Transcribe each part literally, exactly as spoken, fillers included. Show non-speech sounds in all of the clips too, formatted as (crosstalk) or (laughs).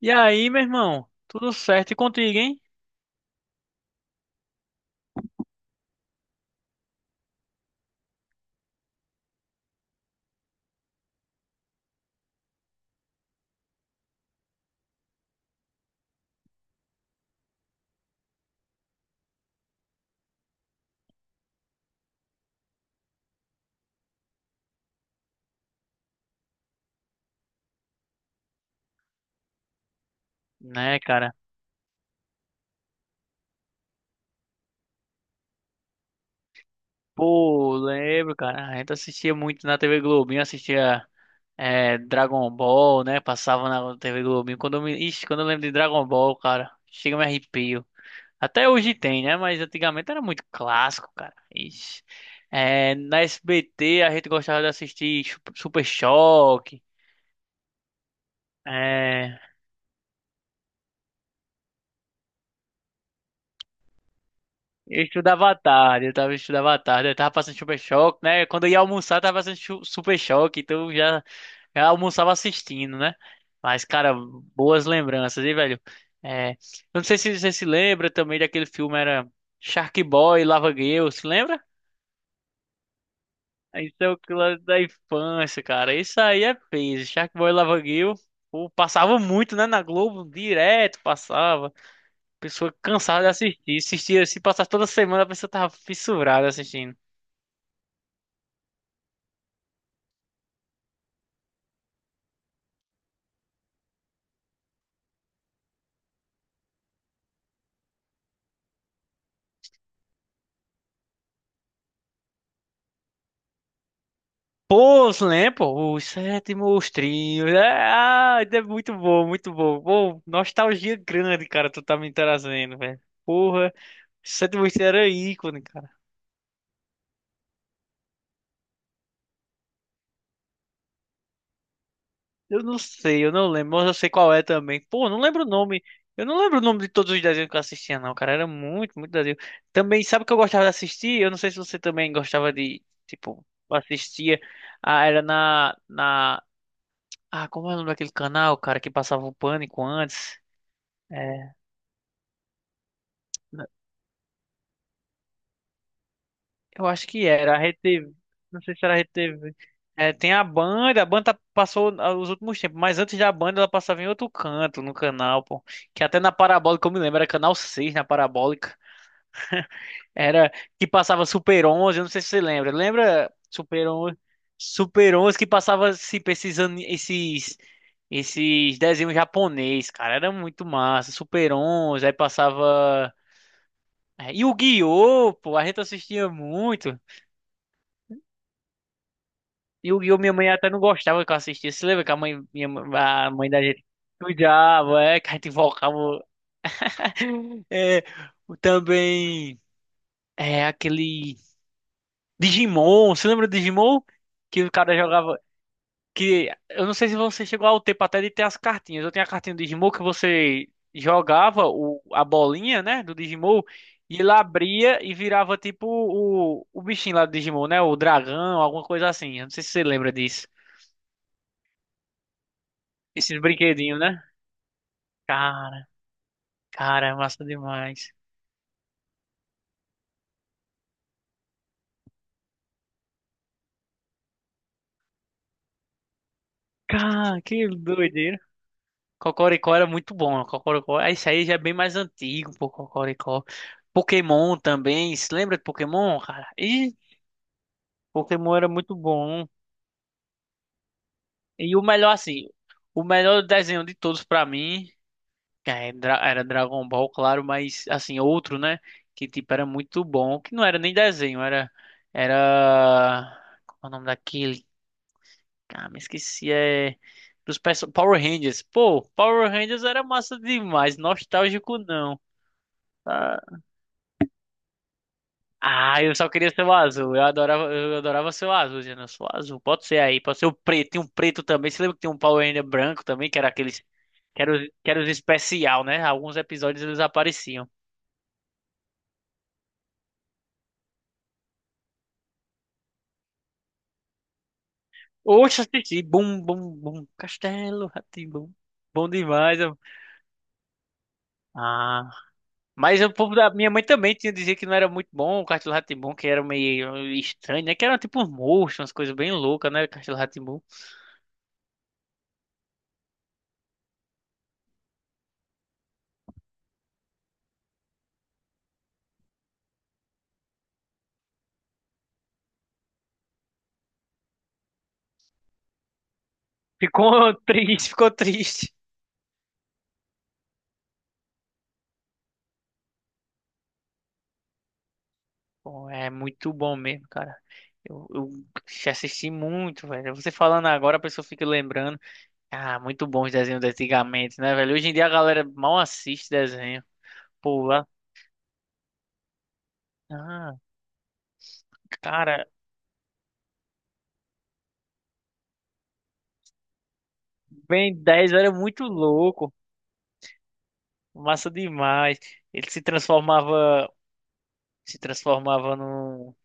E aí, meu irmão? Tudo certo e contigo, hein? Né, cara? Pô, lembro, cara. A gente assistia muito na T V Globinho, assistia é, Dragon Ball, né? Passava na T V Globinho. Quando eu me... Ixi, quando eu lembro de Dragon Ball, cara, chega me arrepio. Até hoje tem, né? Mas antigamente era muito clássico, cara. Ixi. É, na S B T a gente gostava de assistir Chu- Super Choque. É, eu estudava à tarde, eu tava estudava à tarde, eu tava passando Super Choque, né? Quando eu ia almoçar, eu tava passando chu- Super Choque, então eu já, já almoçava assistindo, né? Mas, cara, boas lembranças, hein, velho? É, eu não sei se você se lembra também daquele filme, era Shark Boy, Lava Girl, se lembra? Isso é o que lá da infância, cara. Isso aí é peso. Shark Boy e Lava Girl, pô, passava muito, né, na Globo, direto passava. Pessoa cansada de assistir. Assistia, se passar toda semana, a pessoa tava fissurada assistindo. Pô, os Lempo, os sétimos trios. Ah, é muito bom, muito bom. Pô, nostalgia grande, cara, tu tá me trazendo, velho. Porra, sete trios era ícone, cara. Eu não sei, eu não lembro, mas eu sei qual é também. Pô, não lembro o nome. Eu não lembro o nome de todos os desenhos que eu assistia, não, cara. Era muito, muito desenho. Também, sabe o que eu gostava de assistir? Eu não sei se você também gostava de, tipo, assistia. Ah, era na, na Ah, como é o nome daquele canal, cara, que passava o Pânico antes? É, n- eu acho que era a RedeTV. Não sei se era a RedeTV. É, tem a Band, a Band tá- passou, ah, os últimos tempos, mas antes da Band ela passava em outro canto no canal, pô. Que até na Parabólica eu me lembro, era canal Seis na Parabólica. Era que passava Super onze, eu não sei se você lembra. Lembra Super onze? Super onze que passava se esses, ani- esses, esses desenhos japonês, cara. Era muito massa. Super onze, aí passava. É, E o Guiô, pô, a gente assistia muito. E o Guiô, minha mãe até não gostava que eu assistia. Você lembra que a mãe, minha, a mãe da gente cuidava, é, que a gente invocava. É, o- também, é, aquele Digimon. Você lembra do Digimon? Que o cara jogava, que eu não sei se você chegou ao tempo até de ter as cartinhas. Eu tenho a cartinha do Digimon que você jogava o, a bolinha, né, do Digimon, e ele abria e virava tipo o, o bichinho lá do Digimon, né, o dragão, alguma coisa assim. Eu não sei se você lembra disso. Esses brinquedinhos, né? Cara, cara, é massa demais. Cara, que doideira. Cocoricó era muito bom, né? Cocoricó, ah, isso aí já é bem mais antigo, pô, Cocoricó. Pokémon também. Se lembra de Pokémon, cara? Ih, Pokémon era muito bom. E o melhor, assim, o melhor desenho de todos pra mim é Dra- era Dragon Ball, claro, mas, assim, outro, né? Que, tipo, era muito bom. Que não era nem desenho, era. Era. Qual é o nome daquele? Ah, me esqueci. É. Dos perso- Power Rangers. Pô, Power Rangers era massa demais. Nostálgico, não. Ah, eu só queria ser o azul. Eu adorava, eu adorava ser o azul, dizendo, eu sou o azul. Pode ser aí, pode ser o preto. Tem um preto também. Você lembra que tem um Power Ranger branco também, que era aqueles. Que era os, que era os especial, né? Alguns episódios eles apareciam. Oxe, assisti. Bum, bum, bum. Castelo Rá-Tim-Bum. Bom demais. eu- Ah. Mas o povo da minha mãe também tinha dizer que não era muito bom o Castelo Rá, que era meio estranho, né? Que era tipo uns monstros, umas coisas bem loucas, né? Castelo Rá. Ficou (laughs) triste, ficou triste. Pô, é muito bom mesmo, cara. Eu, eu já assisti muito, velho. Você falando agora, a pessoa fica lembrando. Ah, muito bom os desenhos de antigamente, né, velho? Hoje em dia a galera mal assiste desenho. Pô, lá. Ah, cara, Ben dez era muito louco. Massa demais. Ele se transformava, se transformava no,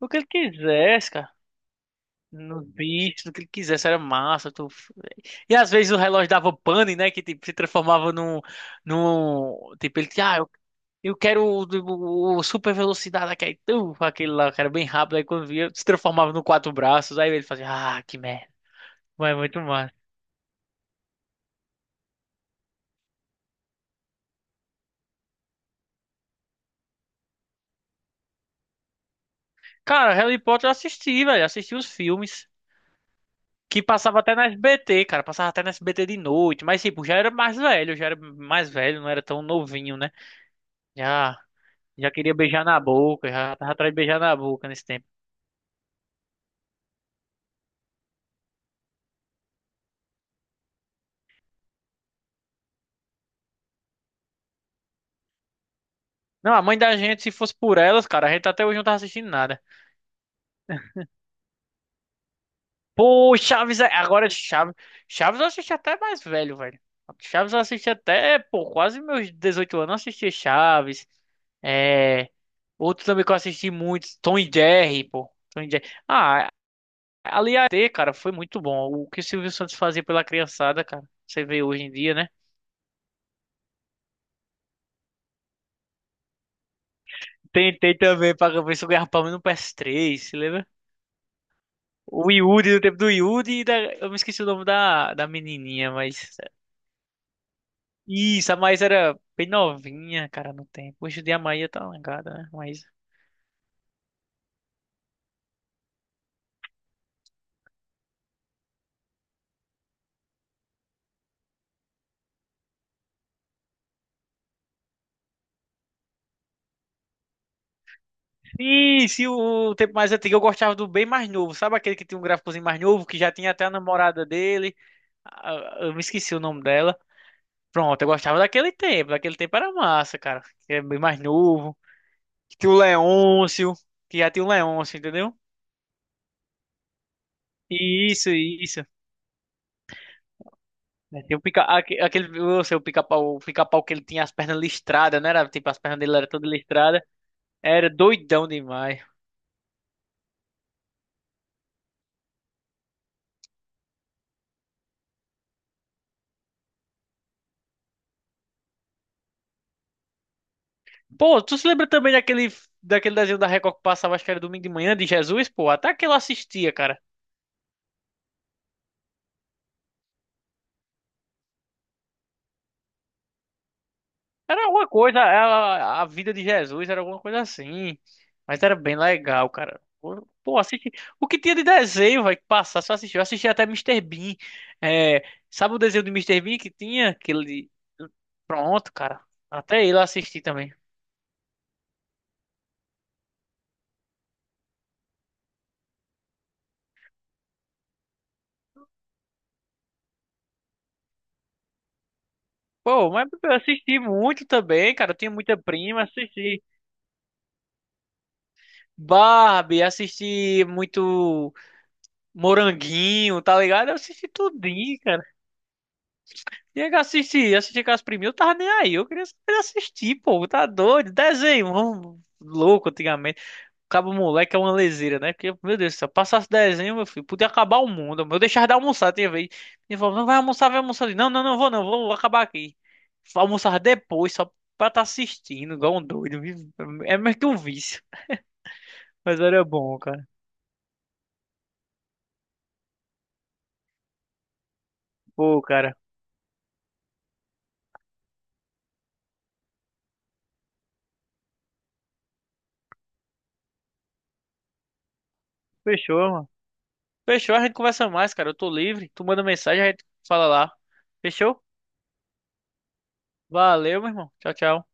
no que ele quisesse, cara. Nos bichos, no que ele quisesse, era massa. tu- E às vezes o relógio dava pane, né? Que tipo, se transformava num, num. Tipo, ele. Ah, eu quero o, o- o super velocidade, aquele, tu, aquele lá, eu quero bem rápido. Aí quando via, se transformava no quatro braços. Aí ele fazia, ah, que merda. Mas é muito massa. Cara, Harry Potter eu assisti, velho. Assisti os filmes. Que passava até na S B T, cara. Passava até na S B T de noite. Mas, tipo, já era mais velho. Já era mais velho, não era tão novinho, né? Já, já queria beijar na boca. Já tava atrás de beijar na boca nesse tempo. Não, a mãe da gente, se fosse por elas, cara, a gente até hoje não tava assistindo nada. Pô, Chaves, é- agora Chaves. Chaves eu assisti até mais velho, velho. Chaves eu assisti até, pô, quase meus dezoito anos eu assisti Chaves. É. Outro também que eu assisti muito, Tom e Jerry, pô. Tom e Jerry. Ah, ali a T, cara, foi muito bom. O que o Silvio Santos fazia pela criançada, cara. Você vê hoje em dia, né? Tentei também pra ver se eu ganhava pelo menos no P S três, se lembra? O Yuri, do tempo do Yuri e da... Eu me esqueci o nome da, da menininha, mas... Isso, a Maísa era bem novinha, cara, no tempo. Hoje em dia a Maísa tá langada, né? Maísa. Isso, e o, o tempo mais antigo eu gostava do bem mais novo. Sabe aquele que tinha um gráficozinho mais novo, que já tinha até a namorada dele? Ah, eu me esqueci o nome dela. Pronto, eu gostava daquele tempo. Daquele tempo era massa, cara. Que era bem mais novo. Que tinha o Leôncio, que já tinha o Leôncio, entendeu? Isso, isso. É, tem o pica, aque- aquele, eu sei, o pica-pau, o pica-pau que ele tinha as pernas listradas, né? Era, tipo, as pernas dele eram todas listradas. Era doidão demais. Pô, tu se lembra também daquele, daquele desenho da Record que passava, acho que era domingo de manhã, de Jesus? Pô, até que eu assistia, cara. Era alguma coisa, a, a vida de Jesus era alguma coisa assim. Mas era bem legal, cara. Pô, pô, assisti. O que tinha de desenho, vai, que passar, só assistiu. Eu assisti até Mister Bean. É, sabe o desenho do Mister Bean que tinha? Que ele... Pronto, cara. Até ele eu assisti também. Pô, mas eu assisti muito também, cara. Eu tinha muita prima, assisti Barbie, assisti muito. Moranguinho, tá ligado? Eu assisti tudinho, cara. Tinha que assistir, assistir com as priminhas, eu tava nem aí. Eu queria saber assistir, pô, tá doido. Desenho, hum, louco antigamente. Cabo moleque é uma leseira, né? Porque, meu Deus, se eu passasse desenho, meu filho, podia acabar o mundo. Eu deixava de almoçar, tinha vez. Ele falou, não vai almoçar, vai almoçar ali. Não, não, não vou, não, vou acabar aqui. Almoçar depois, só pra tá assistindo, igual um doido. É meio que um vício. Mas era bom, cara. Pô, cara, fechou, mano. Fechou, a gente conversa mais, cara. Eu tô livre. Tu manda mensagem, a gente fala lá. Fechou? Valeu, meu irmão. Tchau, tchau.